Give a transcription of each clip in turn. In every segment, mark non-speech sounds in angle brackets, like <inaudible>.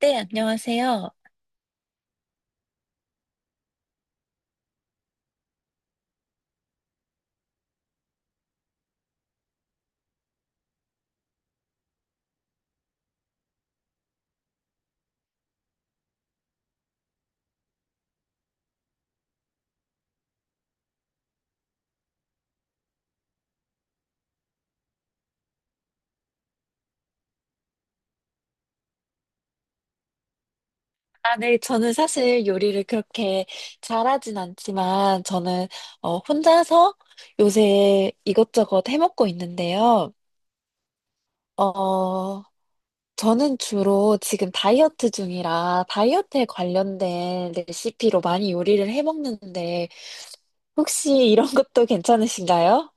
네, 안녕하세요. 아, 네. 저는 사실 요리를 그렇게 잘하진 않지만, 혼자서 요새 이것저것 해먹고 있는데요. 어, 저는 주로 지금 다이어트 중이라 다이어트에 관련된 레시피로 많이 요리를 해먹는데, 혹시 이런 것도 괜찮으신가요?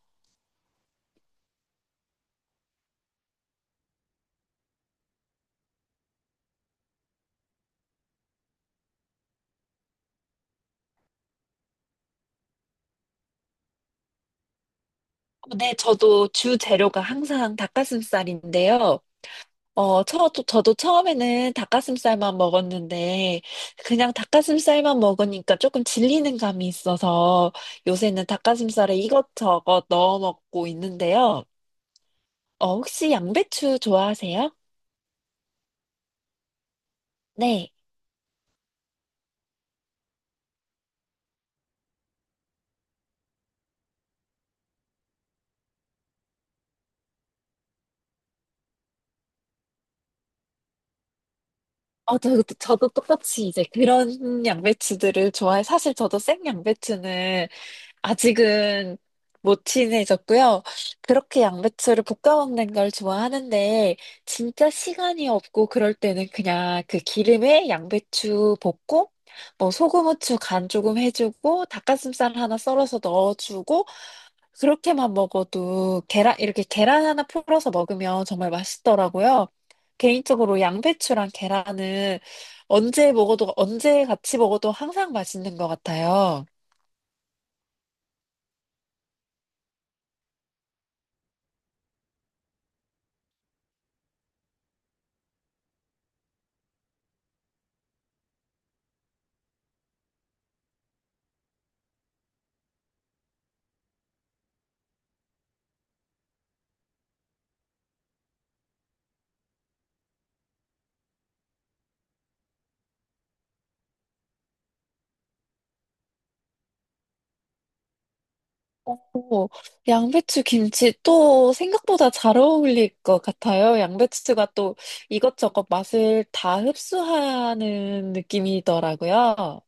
네, 저도 주 재료가 항상 닭가슴살인데요. 저도 처음에는 닭가슴살만 먹었는데, 그냥 닭가슴살만 먹으니까 조금 질리는 감이 있어서 요새는 닭가슴살에 이것저것 넣어 먹고 있는데요. 혹시 양배추 좋아하세요? 네. 저도 똑같이 이제 그런 양배추들을 좋아해. 사실 저도 생 양배추는 아직은 못 친해졌고요. 그렇게 양배추를 볶아 먹는 걸 좋아하는데, 진짜 시간이 없고 그럴 때는 그냥 그 기름에 양배추 볶고, 뭐 소금, 후추 간 조금 해주고, 닭가슴살 하나 썰어서 넣어주고, 그렇게만 먹어도 이렇게 계란 하나 풀어서 먹으면 정말 맛있더라고요. 개인적으로 양배추랑 계란은 언제 같이 먹어도 항상 맛있는 것 같아요. 오, 양배추 김치 또 생각보다 잘 어울릴 것 같아요. 양배추가 또 이것저것 맛을 다 흡수하는 느낌이더라고요.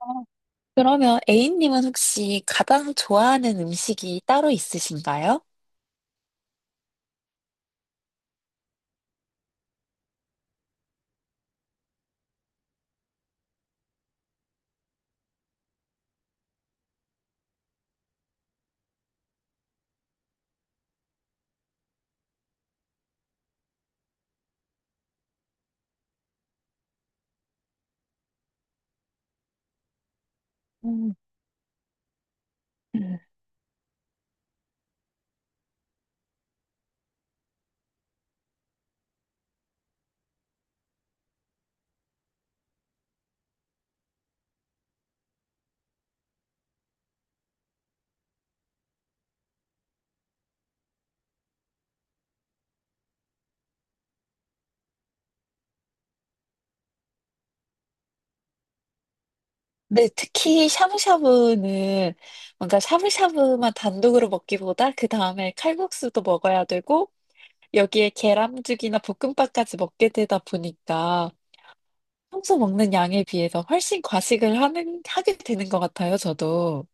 어, 그러면 A님은 혹시 가장 좋아하는 음식이 따로 있으신가요? 음, 음. 네, 특히 샤브샤브는 뭔가 샤브샤브만 단독으로 먹기보다 그 다음에 칼국수도 먹어야 되고 여기에 계란죽이나 볶음밥까지 먹게 되다 보니까 평소 먹는 양에 비해서 훨씬 과식을 하게 되는 것 같아요, 저도.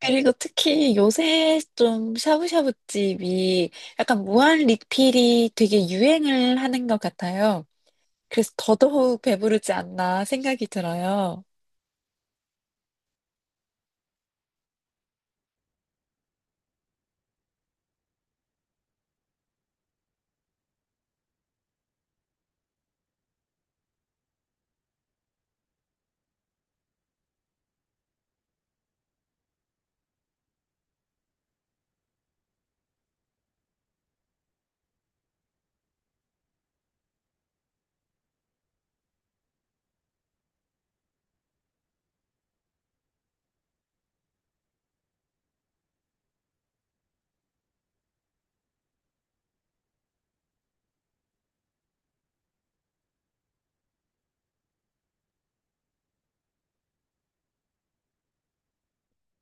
그리고 특히 요새 좀 샤브샤브집이 약간 무한 리필이 되게 유행을 하는 것 같아요. 그래서 더더욱 배부르지 않나 생각이 들어요.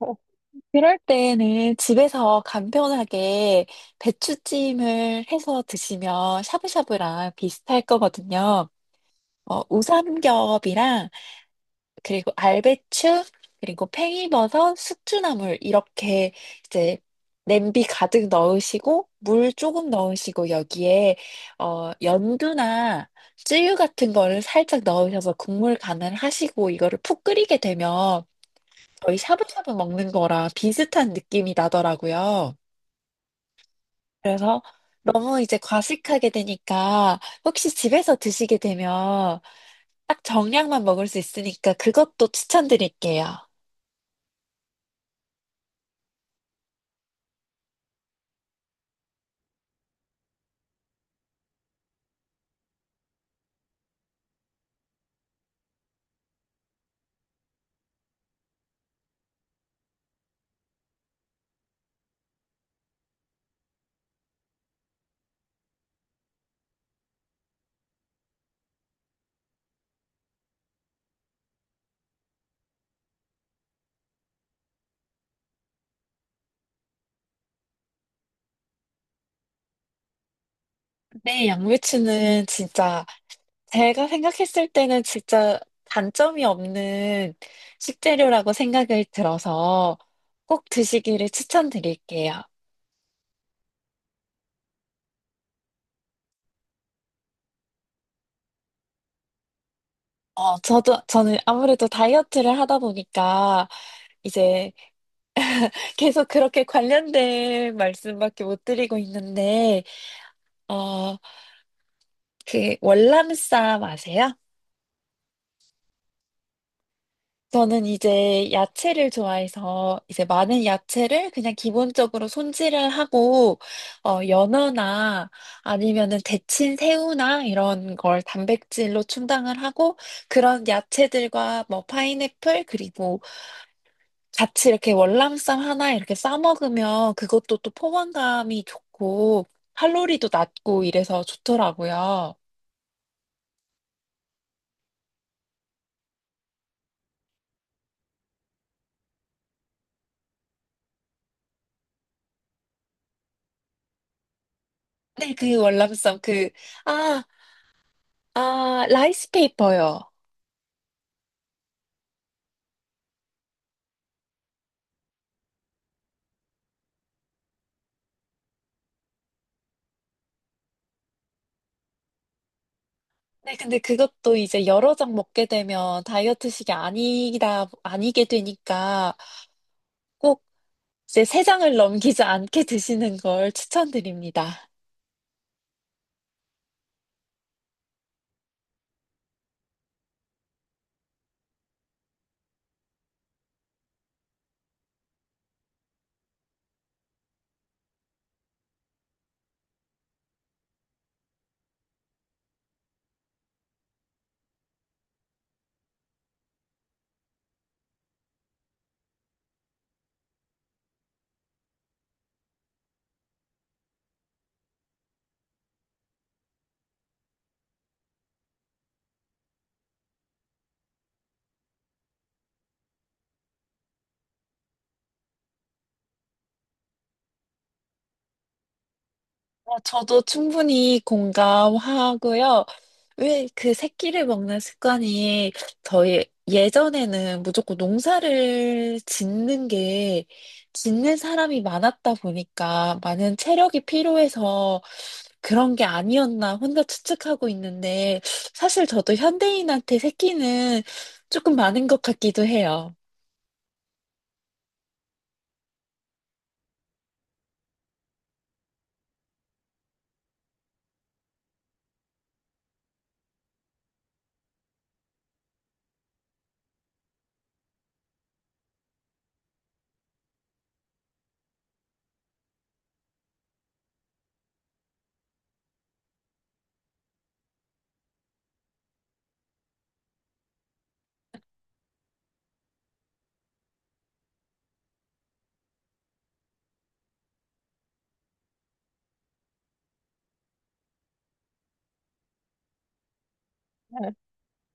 어, 그럴 때는 집에서 간편하게 배추찜을 해서 드시면 샤브샤브랑 비슷할 거거든요. 어, 우삼겹이랑 그리고 알배추, 그리고 팽이버섯, 숙주나물 이렇게 이제 냄비 가득 넣으시고 물 조금 넣으시고 여기에 어 연두나 쯔유 같은 거를 살짝 넣으셔서 국물 간을 하시고 이거를 푹 끓이게 되면 거의 샤브샤브 먹는 거랑 비슷한 느낌이 나더라고요. 그래서 너무 이제 과식하게 되니까 혹시 집에서 드시게 되면 딱 정량만 먹을 수 있으니까 그것도 추천드릴게요. 네, 양배추는 진짜 제가 생각했을 때는 진짜 단점이 없는 식재료라고 생각을 들어서 꼭 드시기를 추천드릴게요. 저는 아무래도 다이어트를 하다 보니까 이제 계속 그렇게 관련된 말씀밖에 못 드리고 있는데, 어, 그 월남쌈 아세요? 저는 이제 야채를 좋아해서 이제 많은 야채를 그냥 기본적으로 손질을 하고 연어나 아니면은 데친 새우나 이런 걸 단백질로 충당을 하고 그런 야채들과 뭐 파인애플 그리고 같이 이렇게 월남쌈 하나 이렇게 싸 먹으면 그것도 또 포만감이 좋고 칼로리도 낮고 이래서 좋더라고요. 네, 그 월남쌈 아, 아, 라이스 페이퍼요. 네, 근데 그것도 이제 여러 장 먹게 되면 아니게 되니까 꼭 이제 세 장을 넘기지 않게 <laughs> 드시는 걸 추천드립니다. 어, 저도 충분히 공감하고요. 왜 그 새끼를 먹는 습관이 저희 예전에는 무조건 농사를 짓는 게 짓는 사람이 많았다 보니까 많은 체력이 필요해서 그런 게 아니었나 혼자 추측하고 있는데 사실 저도 현대인한테 새끼는 조금 많은 것 같기도 해요.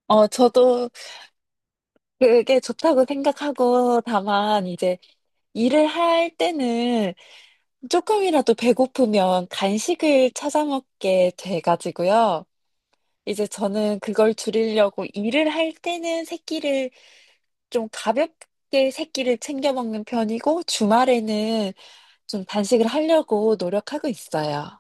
저도 그게 좋다고 생각하고 다만 이제 일을 할 때는 조금이라도 배고프면 간식을 찾아 먹게 돼가지고요. 이제 저는 그걸 줄이려고 일을 할 때는 새끼를 좀 가볍게 새끼를 챙겨 먹는 편이고 주말에는 좀 단식을 하려고 노력하고 있어요.